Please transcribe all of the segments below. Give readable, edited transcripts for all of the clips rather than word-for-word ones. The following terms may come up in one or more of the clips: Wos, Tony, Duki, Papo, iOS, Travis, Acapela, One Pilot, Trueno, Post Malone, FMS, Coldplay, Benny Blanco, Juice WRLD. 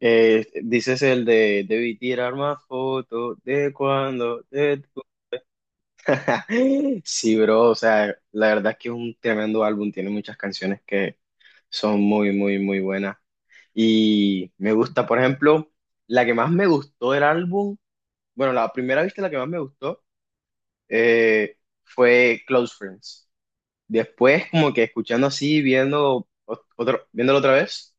Dices el de Debí Tirar Más Fotos de Sí, bro, o sea, la verdad es que es un tremendo álbum, tiene muchas canciones que son muy, muy, muy buenas. Y me gusta, por ejemplo, la que más me gustó del álbum, bueno, la primera vista la que más me gustó eh, fue Close Friends. Después, como que escuchando así, otro, viéndolo otra vez,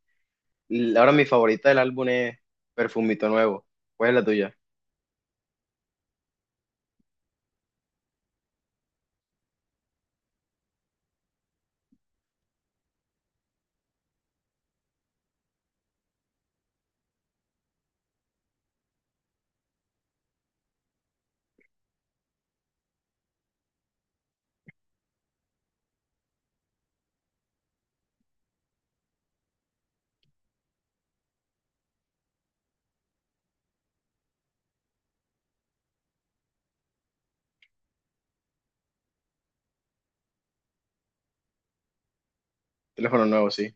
ahora mi favorita del álbum es Perfumito Nuevo. ¿Cuál es la tuya? Teléfono nuevo, sí.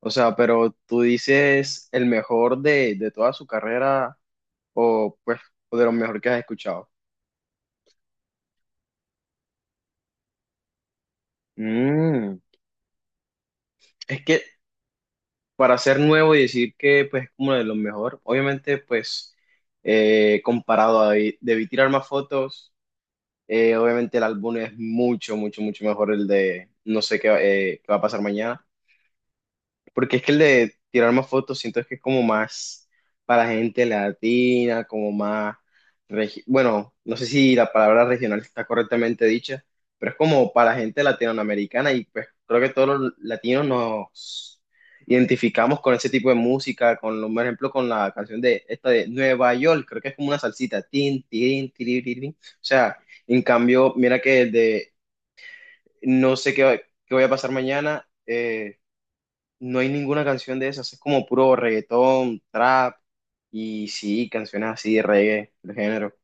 O sea, pero tú dices el mejor de toda su carrera o pues o de lo mejor que has escuchado. Mm, es que para ser nuevo y decir que pues es como de lo mejor, obviamente pues comparado a Debí tirar más fotos, obviamente el álbum es mucho, mucho, mucho mejor el de no sé qué, qué va a pasar mañana. Porque es que el de tirar más fotos siento que es como más para gente latina, como más, bueno, no sé si la palabra regional está correctamente dicha, pero es como para gente latinoamericana y pues creo que todos los latinos nos identificamos con ese tipo de música, con, por ejemplo, con la canción de esta de Nueva York, creo que es como una salsita, tin, tin, tiri, tiri, tin. O sea, en cambio, mira que el de no sé qué, qué voy a pasar mañana. No hay ninguna canción de esas, es como puro reggaetón, trap y sí, canciones así de reggae, de género.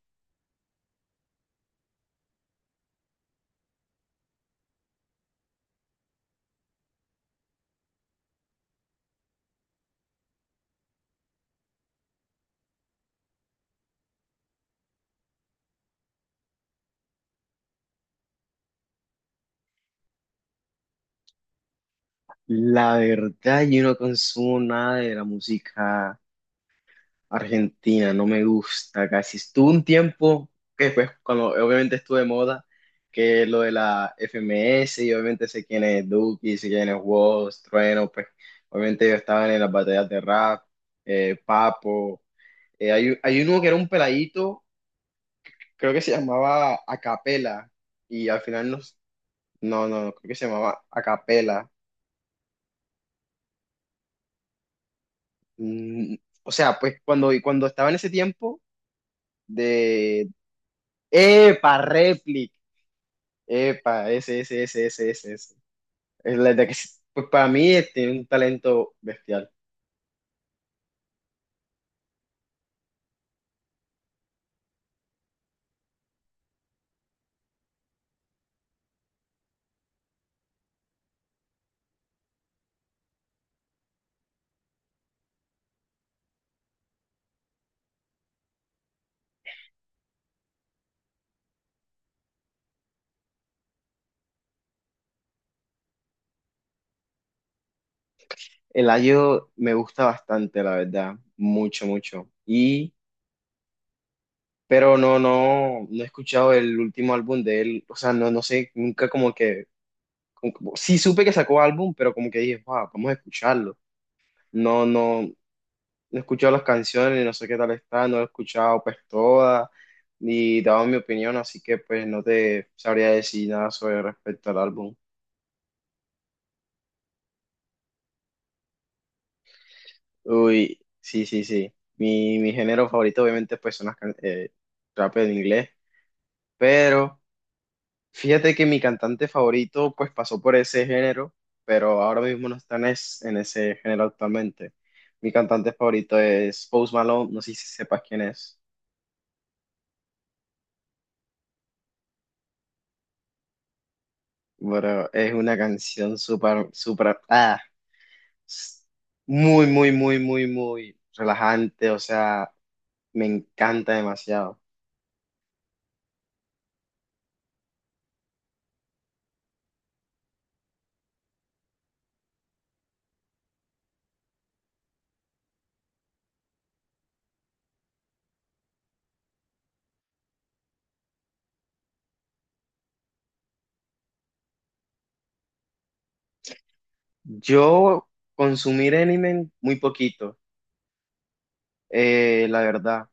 La verdad, yo no consumo nada de la música argentina, no me gusta casi. Estuve un tiempo, que después, cuando obviamente estuve de moda, que lo de la FMS, y obviamente sé quién es Duki, sé quién es Wos, Trueno, pues obviamente yo estaba en las batallas de rap, Papo. Hay uno que era un peladito creo que se llamaba Acapela y al final nos, no, creo que se llamaba Acapela. Mm, o sea, pues cuando, y cuando estaba en ese tiempo de, epa, replic, epa, ese, ese, ese, ese, ese, ese. Es la de que, pues para mí tiene un talento bestial. El ayo me gusta bastante, la verdad, mucho, mucho. Y, pero no he escuchado el último álbum de él, o sea, no, no sé, nunca como que sí supe que sacó álbum, pero como que dije, wow, vamos a escucharlo. No he escuchado las canciones, no sé qué tal está, no he escuchado pues todas, ni daba mi opinión, así que pues no te sabría decir nada sobre respecto al álbum. Uy, sí, sí, sí. Mi género favorito obviamente pues son rap en inglés, pero... Fíjate que mi cantante favorito pues pasó por ese género, pero ahora mismo no está en, en ese género actualmente. Mi cantante favorito es Post Malone, no sé si sepas quién es, pero es una canción súper, súper, s- muy, muy, muy, muy, muy relajante, o sea, me encanta demasiado. Yo consumir anime muy poquito, la verdad.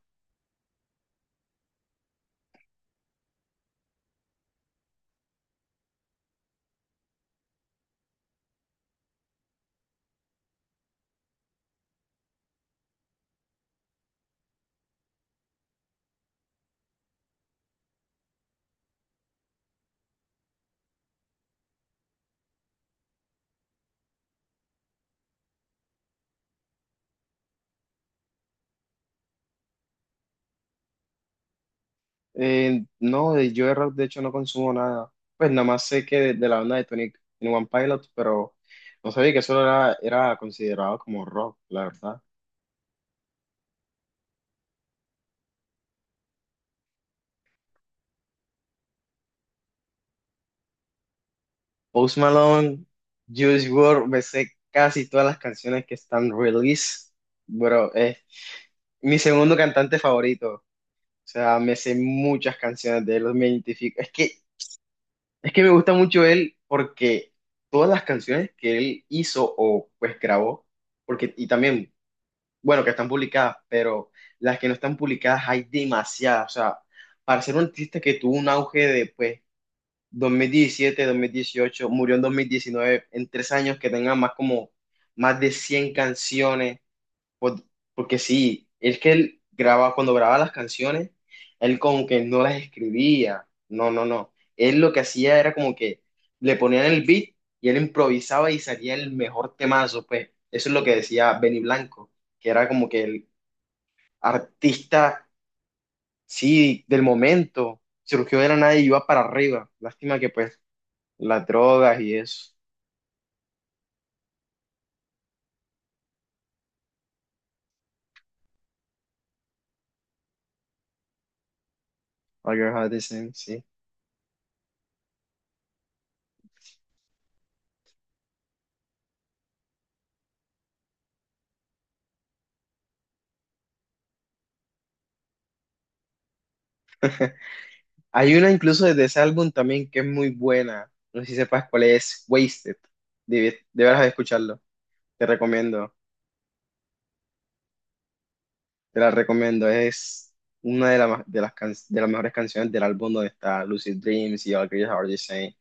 No, yo de rap de hecho no consumo nada. Pues nada más sé que de la banda de Tony en One Pilot, pero no sabía que eso era considerado como rock, la verdad. Post Malone, Juice WRLD, me sé casi todas las canciones que están release. Bro, es mi segundo cantante favorito. O sea, me sé muchas canciones de él, me identifico. Es que me gusta mucho él porque todas las canciones que él hizo o pues grabó, porque, y también bueno, que están publicadas, pero las que no están publicadas hay demasiadas. O sea, para ser un artista que tuvo un auge de, pues, 2017, 2018, murió en 2019, en 3 años que tenga más como, más de 100 canciones, por- porque sí, es que él grababa cuando grababa las canciones, él como que no las escribía, no. Él lo que hacía era como que le ponían el beat y él improvisaba y salía el mejor temazo, pues. Eso es lo que decía Benny Blanco que era como que el, artista, sí, del momento, surgió de la nada y iba para arriba. Lástima que pues las drogas y eso. All Your Heart Is In, sí. Hay una incluso desde ese álbum también que es muy buena. No sé si sepas cuál es, Wasted. Debes, deberás de escucharlo. Te recomiendo, te la recomiendo. Es de de las mejores canciones del álbum donde está Lucid Dreams y All Your Heart Is In.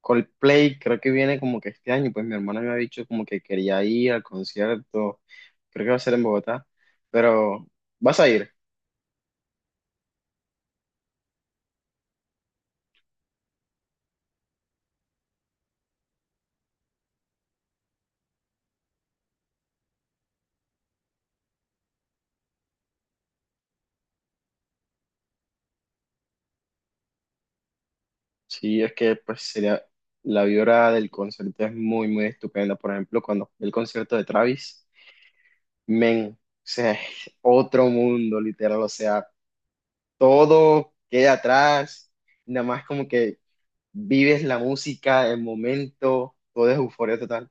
Coldplay creo que viene como que este año, pues mi hermana me ha dicho como que quería ir al concierto, creo que va a ser en Bogotá, pero vas a ir. Sí, es que pues sería, la vibra del concierto es muy, muy estupenda. Por ejemplo, cuando fui al concierto de Travis, men, o sea, es otro mundo, literal, o sea, todo queda atrás, nada más como que vives la música, el momento, todo es euforia total.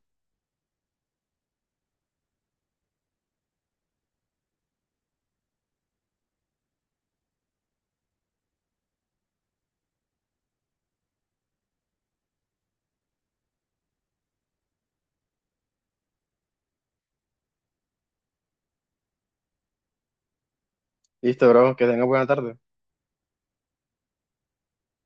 Listo, bro, que tengas buena tarde.